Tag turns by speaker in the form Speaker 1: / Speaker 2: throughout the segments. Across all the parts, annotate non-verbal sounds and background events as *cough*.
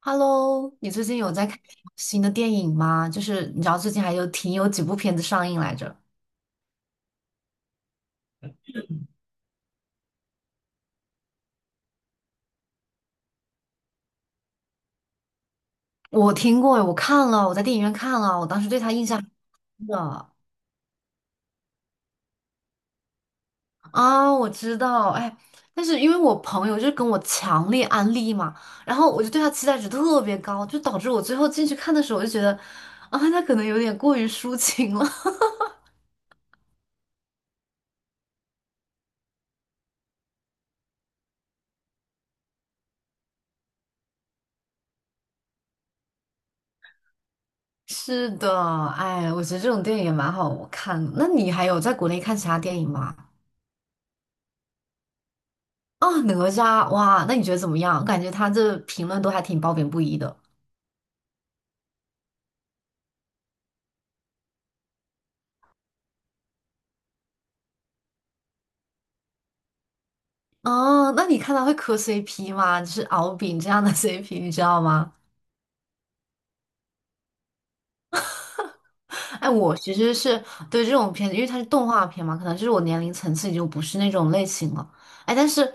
Speaker 1: Hello，你最近有在看新的电影吗？就是你知道最近还有挺有几部片子上映来着。我听过，我看了，我在电影院看了，我当时对他印象真的。啊，我知道，哎，但是因为我朋友就是跟我强烈安利嘛，然后我就对他期待值特别高，就导致我最后进去看的时候，我就觉得啊，他可能有点过于抒情了。*laughs* 是的，哎，我觉得这种电影也蛮好看的。那你还有在国内看其他电影吗？啊，哪吒，哇，那你觉得怎么样？我感觉他这评论都还挺褒贬不一的。哦，那你看他会磕 CP 吗？就是敖丙这样的 *laughs* CP，你知道吗？哎，我其实是对这种片子，因为它是动画片嘛，可能就是我年龄层次已经不是那种类型了。哎，但是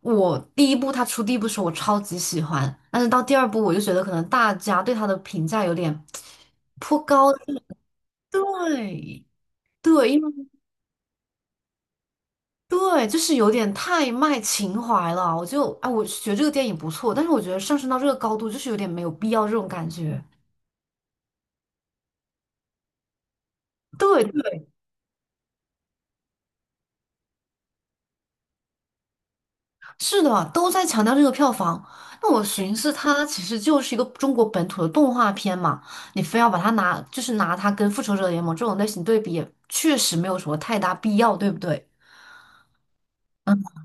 Speaker 1: 我第一部它出第一部时候我超级喜欢，但是到第二部我就觉得可能大家对它的评价有点 *tsk* 颇高。对对，因为。对，就是有点太卖情怀了。我就啊，我觉得这个电影不错，但是我觉得上升到这个高度，就是有点没有必要这种感觉。对对，是的，都在强调这个票房。那我寻思，它其实就是一个中国本土的动画片嘛，你非要把它拿，就是拿它跟《复仇者联盟》这种类型对比，也确实没有什么太大必要，对不对？嗯，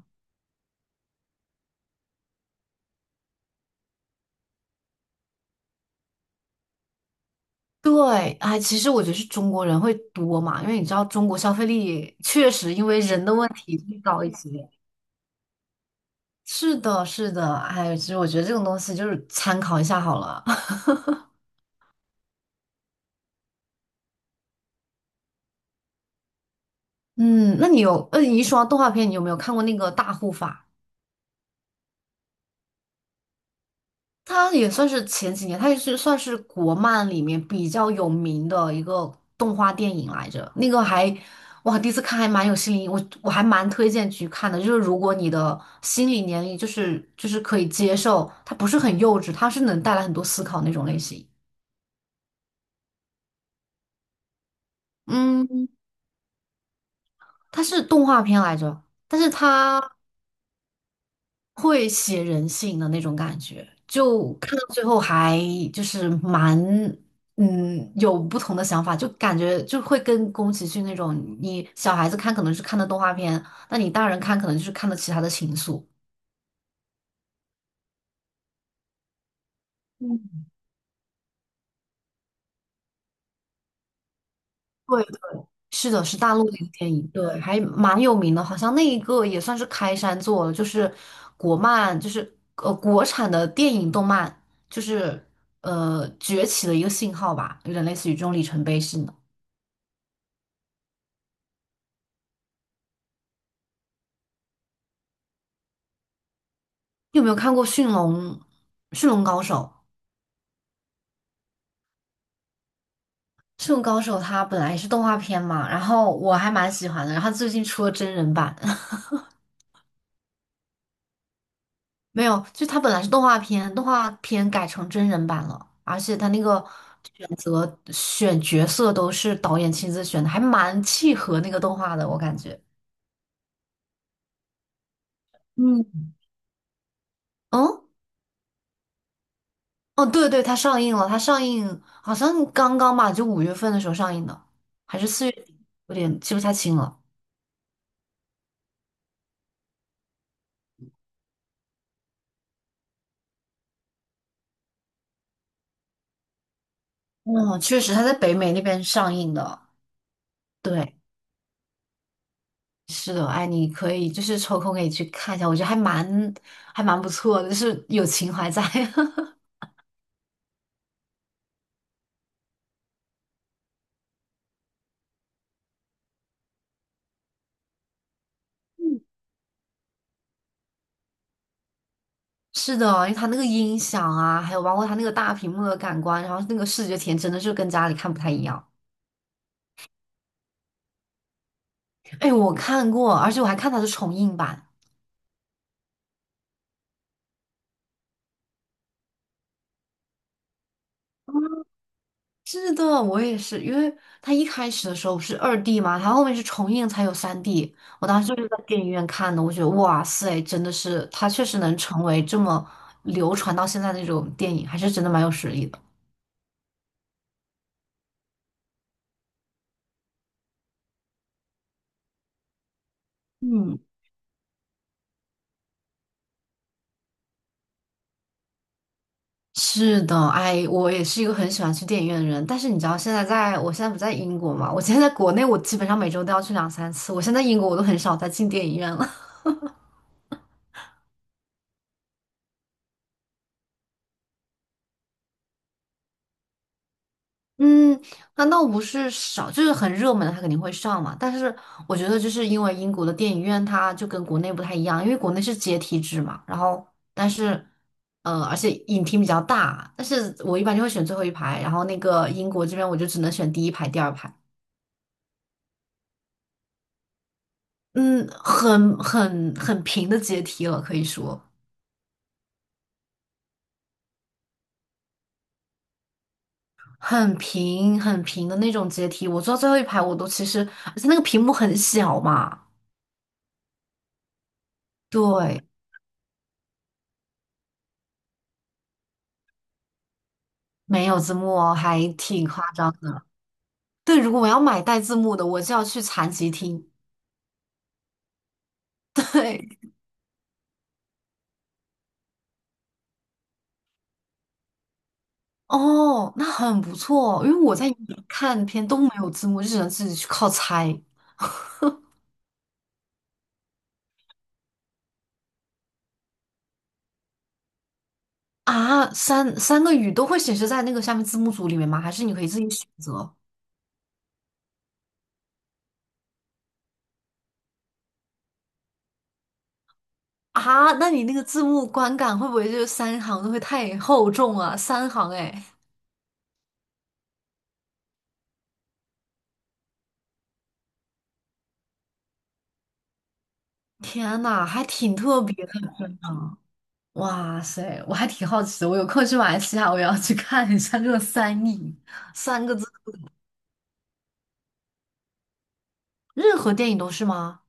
Speaker 1: 对，哎，其实我觉得是中国人会多嘛，因为你知道中国消费力确实因为人的问题去高一些。是的，是的，哎，其实我觉得这种东西就是参考一下好了。*laughs* 嗯，那你有，你说到动画片，你有没有看过那个《大护法》？它也算是前几年，它也是算是国漫里面比较有名的一个动画电影来着。那个还，哇，第一次看还蛮有心理，我还蛮推荐去看的。就是如果你的心理年龄就是可以接受，它不是很幼稚，它是能带来很多思考那种类型。嗯，它是动画片来着，但是它。会写人性的那种感觉，就看到最后还就是蛮嗯有不同的想法，就感觉就会跟宫崎骏那种，你小孩子看可能是看的动画片，那你大人看可能就是看的其他的情愫。嗯，对，是的，是大陆的一个电影，对，还蛮有名的，好像那一个也算是开山作了，就是国漫，就是国产的电影动漫，就是崛起的一个信号吧，有点类似于这种里程碑式。你有没有看过驯龙高手》？《驯龙高手》它本来是动画片嘛，然后我还蛮喜欢的，然后最近出了真人版。*laughs* 没有，就它本来是动画片，动画片改成真人版了，而且它那个选角色都是导演亲自选的，还蛮契合那个动画的，我感觉。嗯，嗯，哦，对对，它上映了，它上映好像刚刚吧，就五月份的时候上映的，还是四月底，有点记不太清了。嗯，确实，它在北美那边上映的。对，是的，哎，你可以就是抽空可以去看一下，我觉得还蛮不错的，就是有情怀在。*laughs* 是的，因为它那个音响啊，还有包括它那个大屏幕的感官，然后那个视觉体验真的是跟家里看不太一样。哎，我看过，而且我还看它的重映版。是的，我也是，因为它一开始的时候是二 D 嘛，它后面是重映才有三 D。我当时就是在电影院看的，我觉得哇塞，真的是它确实能成为这么流传到现在那种电影，还是真的蛮有实力的。嗯，是的，哎，我也是一个很喜欢去电影院的人。但是你知道，现在在我现在不在英国嘛？我现在在国内，我基本上每周都要去两三次。我现在英国，我都很少再进电影院了。*laughs* 嗯，难道不是少？就是很热门的，它肯定会上嘛。但是我觉得，就是因为英国的电影院它就跟国内不太一样，因为国内是阶梯制嘛。然后，但是，而且影厅比较大，但是我一般就会选最后一排。然后那个英国这边，我就只能选第一排、第二排。嗯，很平的阶梯了，可以说很平很平的那种阶梯。我坐最后一排，我都其实，而且那个屏幕很小嘛，对，没有字幕哦，还挺夸张的。对，如果我要买带字幕的，我就要去残疾厅。*laughs* 对，哦，那很不错，因为我在英语看片都没有字幕，就只能自己去靠猜啊。三个语都会显示在那个下面字幕组里面吗？还是你可以自己选择？啊，那你那个字幕观感会不会就是三行都会太厚重啊？三行哎，天呐，还挺特别的呢。哇塞，我还挺好奇的，我有空去马来西亚，我也要去看一下这个三译，三个字，任何电影都是吗？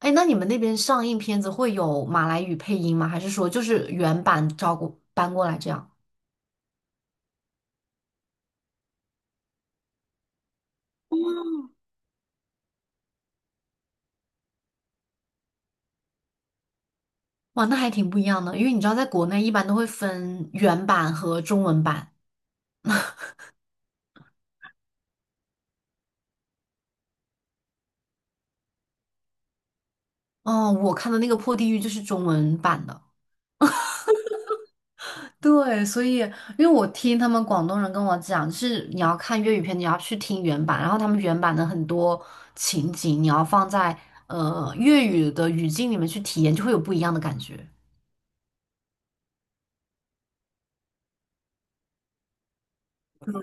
Speaker 1: 哎，那你们那边上映片子会有马来语配音吗？还是说就是原版照过搬过来这样？哇，那还挺不一样的，因为你知道在国内一般都会分原版和中文版。*laughs* 哦，我看的那个《破地狱》就是中文版的。对，所以因为我听他们广东人跟我讲，就是你要看粤语片，你要去听原版，然后他们原版的很多情景，你要放在粤语的语境里面去体验，就会有不一样的感觉。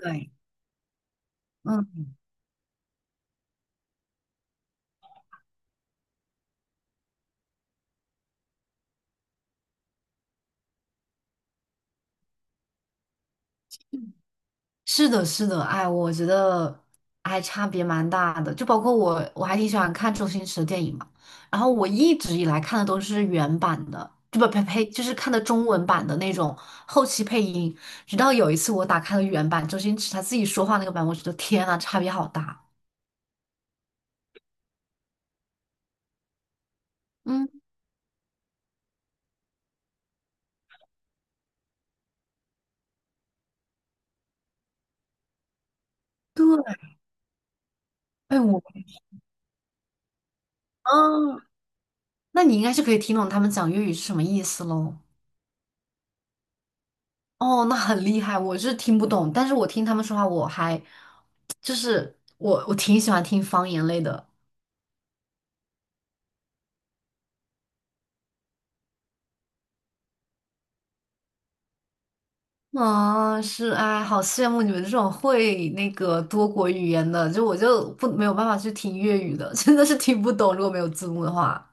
Speaker 1: 对，嗯。是的，是的，哎，我觉得还差别蛮大的。就包括我，我还挺喜欢看周星驰的电影嘛。然后我一直以来看的都是原版的，就不呸呸，就是看的中文版的那种后期配音。直到有一次我打开了原版，周星驰他自己说话那个版，我觉得天呐，差别好大。嗯，对，哎我，嗯，那你应该是可以听懂他们讲粤语是什么意思喽。哦，那很厉害，我是听不懂，但是我听他们说话，我还就是我挺喜欢听方言类的。啊，是哎，好羡慕你们这种会那个多国语言的，就我就不没有办法去听粤语的，*laughs* 真的是听不懂，如果没有字幕的话。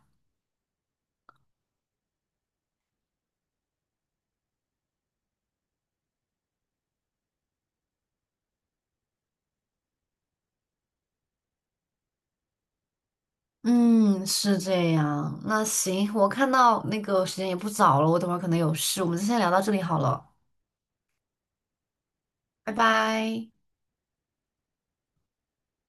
Speaker 1: 嗯，是这样。那行，我看到那个时间也不早了，我等会儿可能有事，我们就先聊到这里好了，拜拜。